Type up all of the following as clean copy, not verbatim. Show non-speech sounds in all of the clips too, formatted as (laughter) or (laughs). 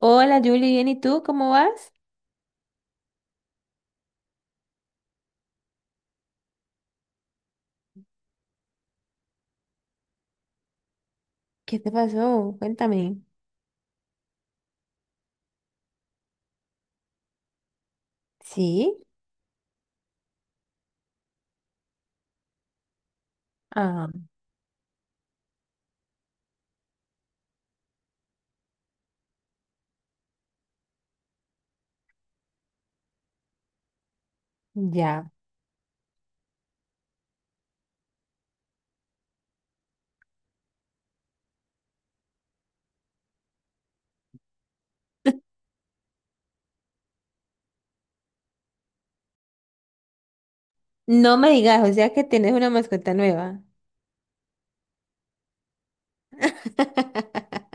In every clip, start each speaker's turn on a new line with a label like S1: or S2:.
S1: Hola, Julie, bien, ¿y tú cómo vas? ¿Qué te pasó? Cuéntame. ¿Sí? Ah. Ya. No me digas, o sea que tienes una mascota nueva. (gasps) (laughs)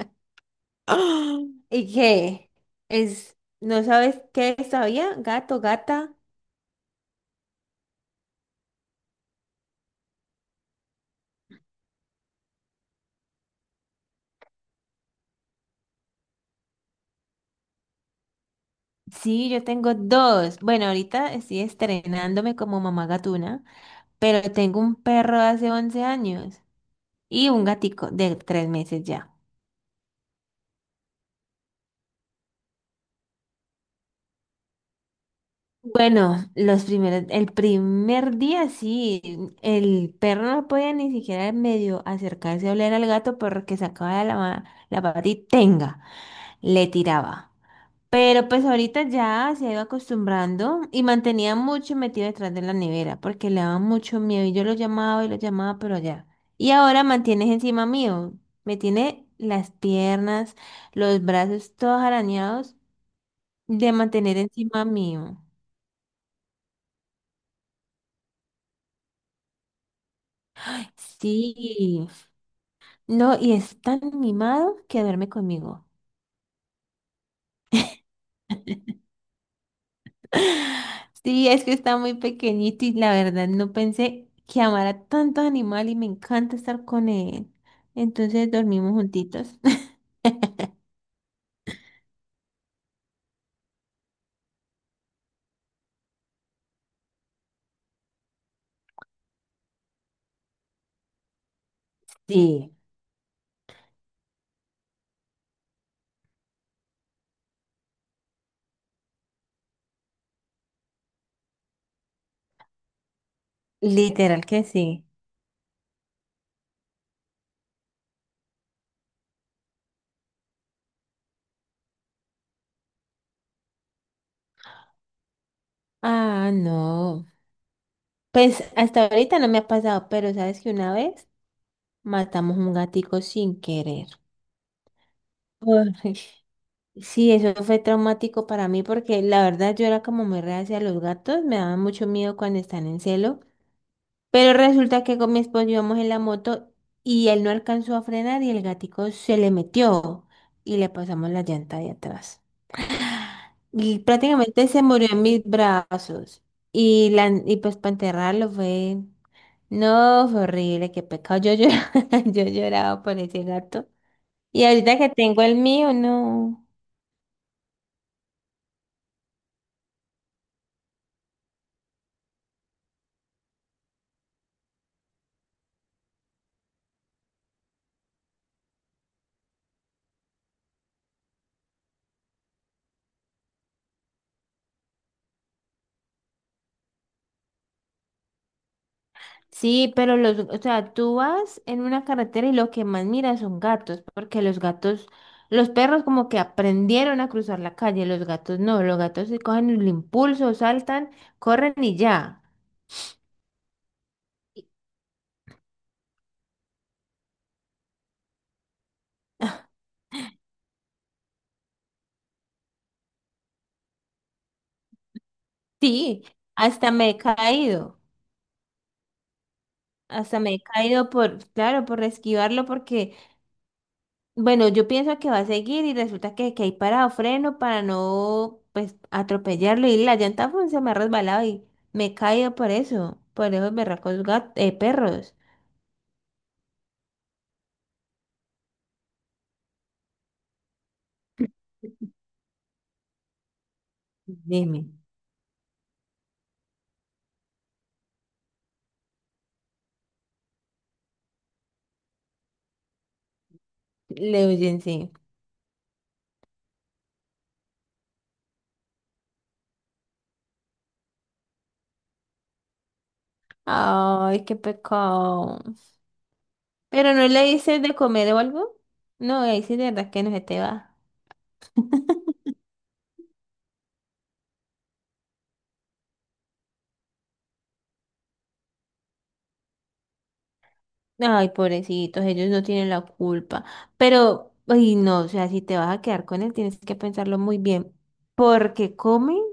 S1: ¡Ah! ¿Y qué? Es, ¿No sabes qué es todavía? Gato, gata. Sí, yo tengo dos. Bueno, ahorita estoy estrenándome como mamá gatuna, pero tengo un perro de hace 11 años y un gatico de 3 meses ya. Bueno, los primeros, el primer día sí, el perro no podía ni siquiera medio acercarse a oler al gato porque sacaba la pata y tenga, le tiraba. Pero pues ahorita ya se ha ido acostumbrando y mantenía mucho metido detrás de la nevera porque le daba mucho miedo y yo lo llamaba y lo llamaba, pero ya. Y ahora mantienes encima mío, me tiene las piernas, los brazos todos arañados de mantener encima mío. Sí. No, y es tan mimado que duerme conmigo. (gasps) (laughs) Sí, es que está muy pequeñito y la verdad no pensé que amara tanto animal y me encanta estar con él. Entonces dormimos juntitos. (laughs) Sí, literal que sí. Ah, no. Pues hasta ahorita no me ha pasado, pero sabes que una vez matamos un gatico sin querer. Ay, (laughs) sí, eso fue traumático para mí porque la verdad yo era como muy reacia a los gatos, me daba mucho miedo cuando están en celo. Pero resulta que con mi esposo íbamos en la moto y él no alcanzó a frenar y el gatico se le metió y le pasamos la llanta de atrás. Y prácticamente se murió en mis brazos. Y pues para enterrarlo fue... No, fue horrible, qué pecado. Yo lloraba, (laughs) yo lloraba por ese gato. Y ahorita que tengo el mío, no. Sí, pero o sea, tú vas en una carretera y lo que más miras son gatos, porque los gatos, los perros como que aprendieron a cruzar la calle, los gatos no, los gatos se cogen el impulso, saltan, corren y ya. Y- Sí, hasta me he caído, hasta me he caído por, claro, por esquivarlo, porque bueno, yo pienso que va a seguir y resulta que hay parado freno para no pues atropellarlo y la llanta pues, se me ha resbalado y me he caído por eso, por esos berracos perros. Dime, le oyen sí. Ay, qué pecado. Pero no le dices de comer o algo. No, ahí sí de verdad que no se te va. Ay, pobrecitos, ellos no tienen la culpa. Pero, ay, no, o sea, si te vas a quedar con él, tienes que pensarlo muy bien. ¿Porque come? (gasps)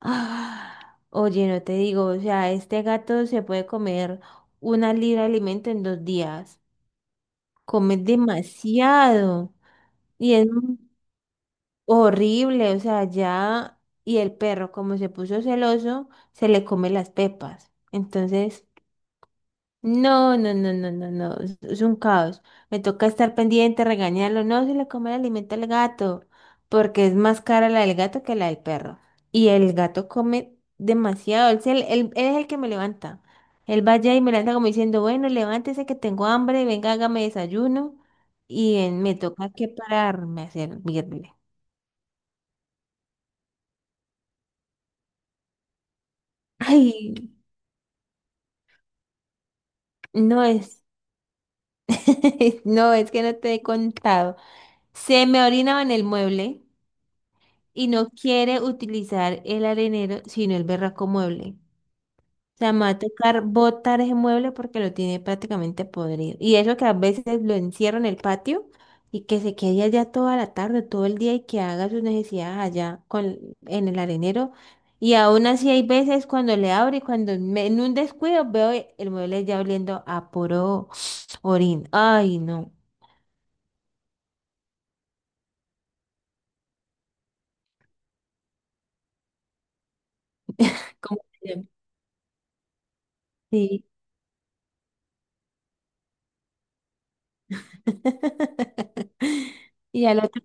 S1: Ah, oye, no te digo, o sea, este gato se puede comer 1 libra de alimento en 2 días. Come demasiado y es horrible, o sea, ya. Y el perro, como se puso celoso, se le come las pepas. Entonces, no, no, no, no, no, no, es un caos. Me toca estar pendiente, regañarlo. No se le come el alimento al gato, porque es más cara la del gato que la del perro. Y el gato come demasiado. Él, él es el que me levanta. Él va allá y me levanta como diciendo, bueno, levántese que tengo hambre, venga, hágame desayuno. Y me toca que pararme a servirle. Ay, no es, (laughs) no es que no te he contado. Se me orinaba en el mueble, y no quiere utilizar el arenero, sino el berraco mueble. O sea, me va a tocar botar ese mueble porque lo tiene prácticamente podrido. Y eso que a veces lo encierro en el patio y que se quede allá toda la tarde, todo el día y que haga sus necesidades allá con, en el arenero. Y aún así hay veces cuando le abro y cuando en un descuido veo el mueble ya oliendo a puro (sniffs) orín. Ay, no. ¿Cómo se llama? Sí. (laughs) ¿Y al otro?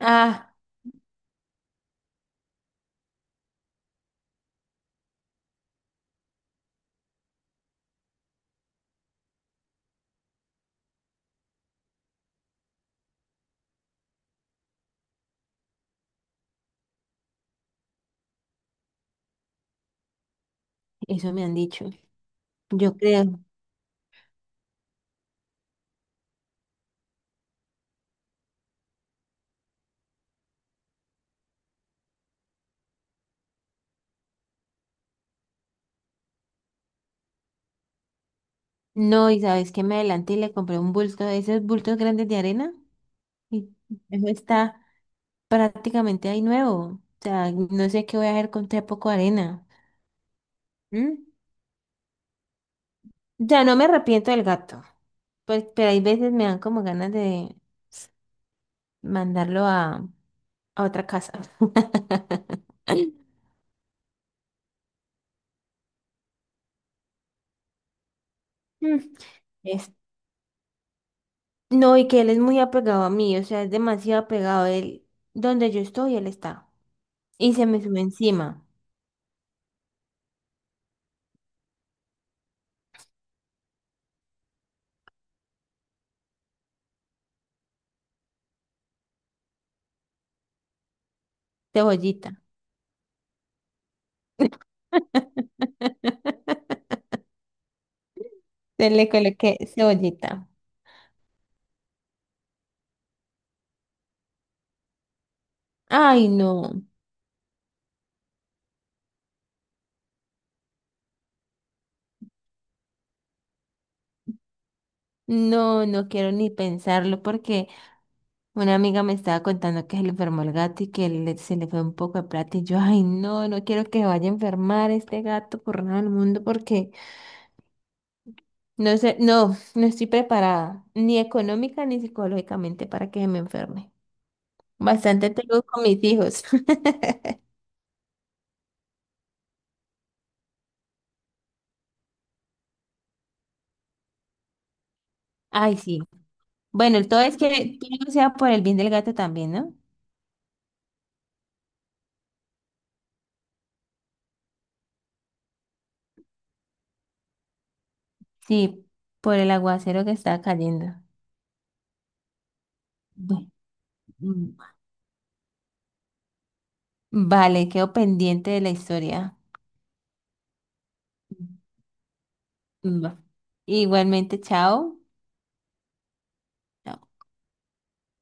S1: Ah. Eso me han dicho. Yo creo. No, y sabes que me adelanté y le compré un bulto de esos bultos grandes de arena y eso está prácticamente ahí nuevo. O sea, no sé qué voy a hacer con tan poco arena. ¿Mm? Ya no me arrepiento del gato, pues, pero hay veces me dan como ganas de mandarlo a otra casa. (laughs) Mm. Es, no, y que él es muy apegado a mí, o sea, es demasiado apegado. Él, donde yo estoy, él está. Y se me sube encima. Cebollita. (laughs) Se le coloqué cebollita. Ay, no. No, no quiero ni pensarlo porque una amiga me estaba contando que se le enfermó el gato y que se le fue un poco de plata y yo, ay, no, no quiero que vaya a enfermar este gato por nada del mundo porque no sé, no estoy preparada ni económica ni psicológicamente para que se me enferme. Bastante tengo con mis hijos. (laughs) Ay, sí. Bueno, el todo es que todo sea por el bien del gato también, ¿no? Sí, por el aguacero que está cayendo. Bu- mm. Vale, quedo pendiente de la historia. Mm, va. Igualmente, chao.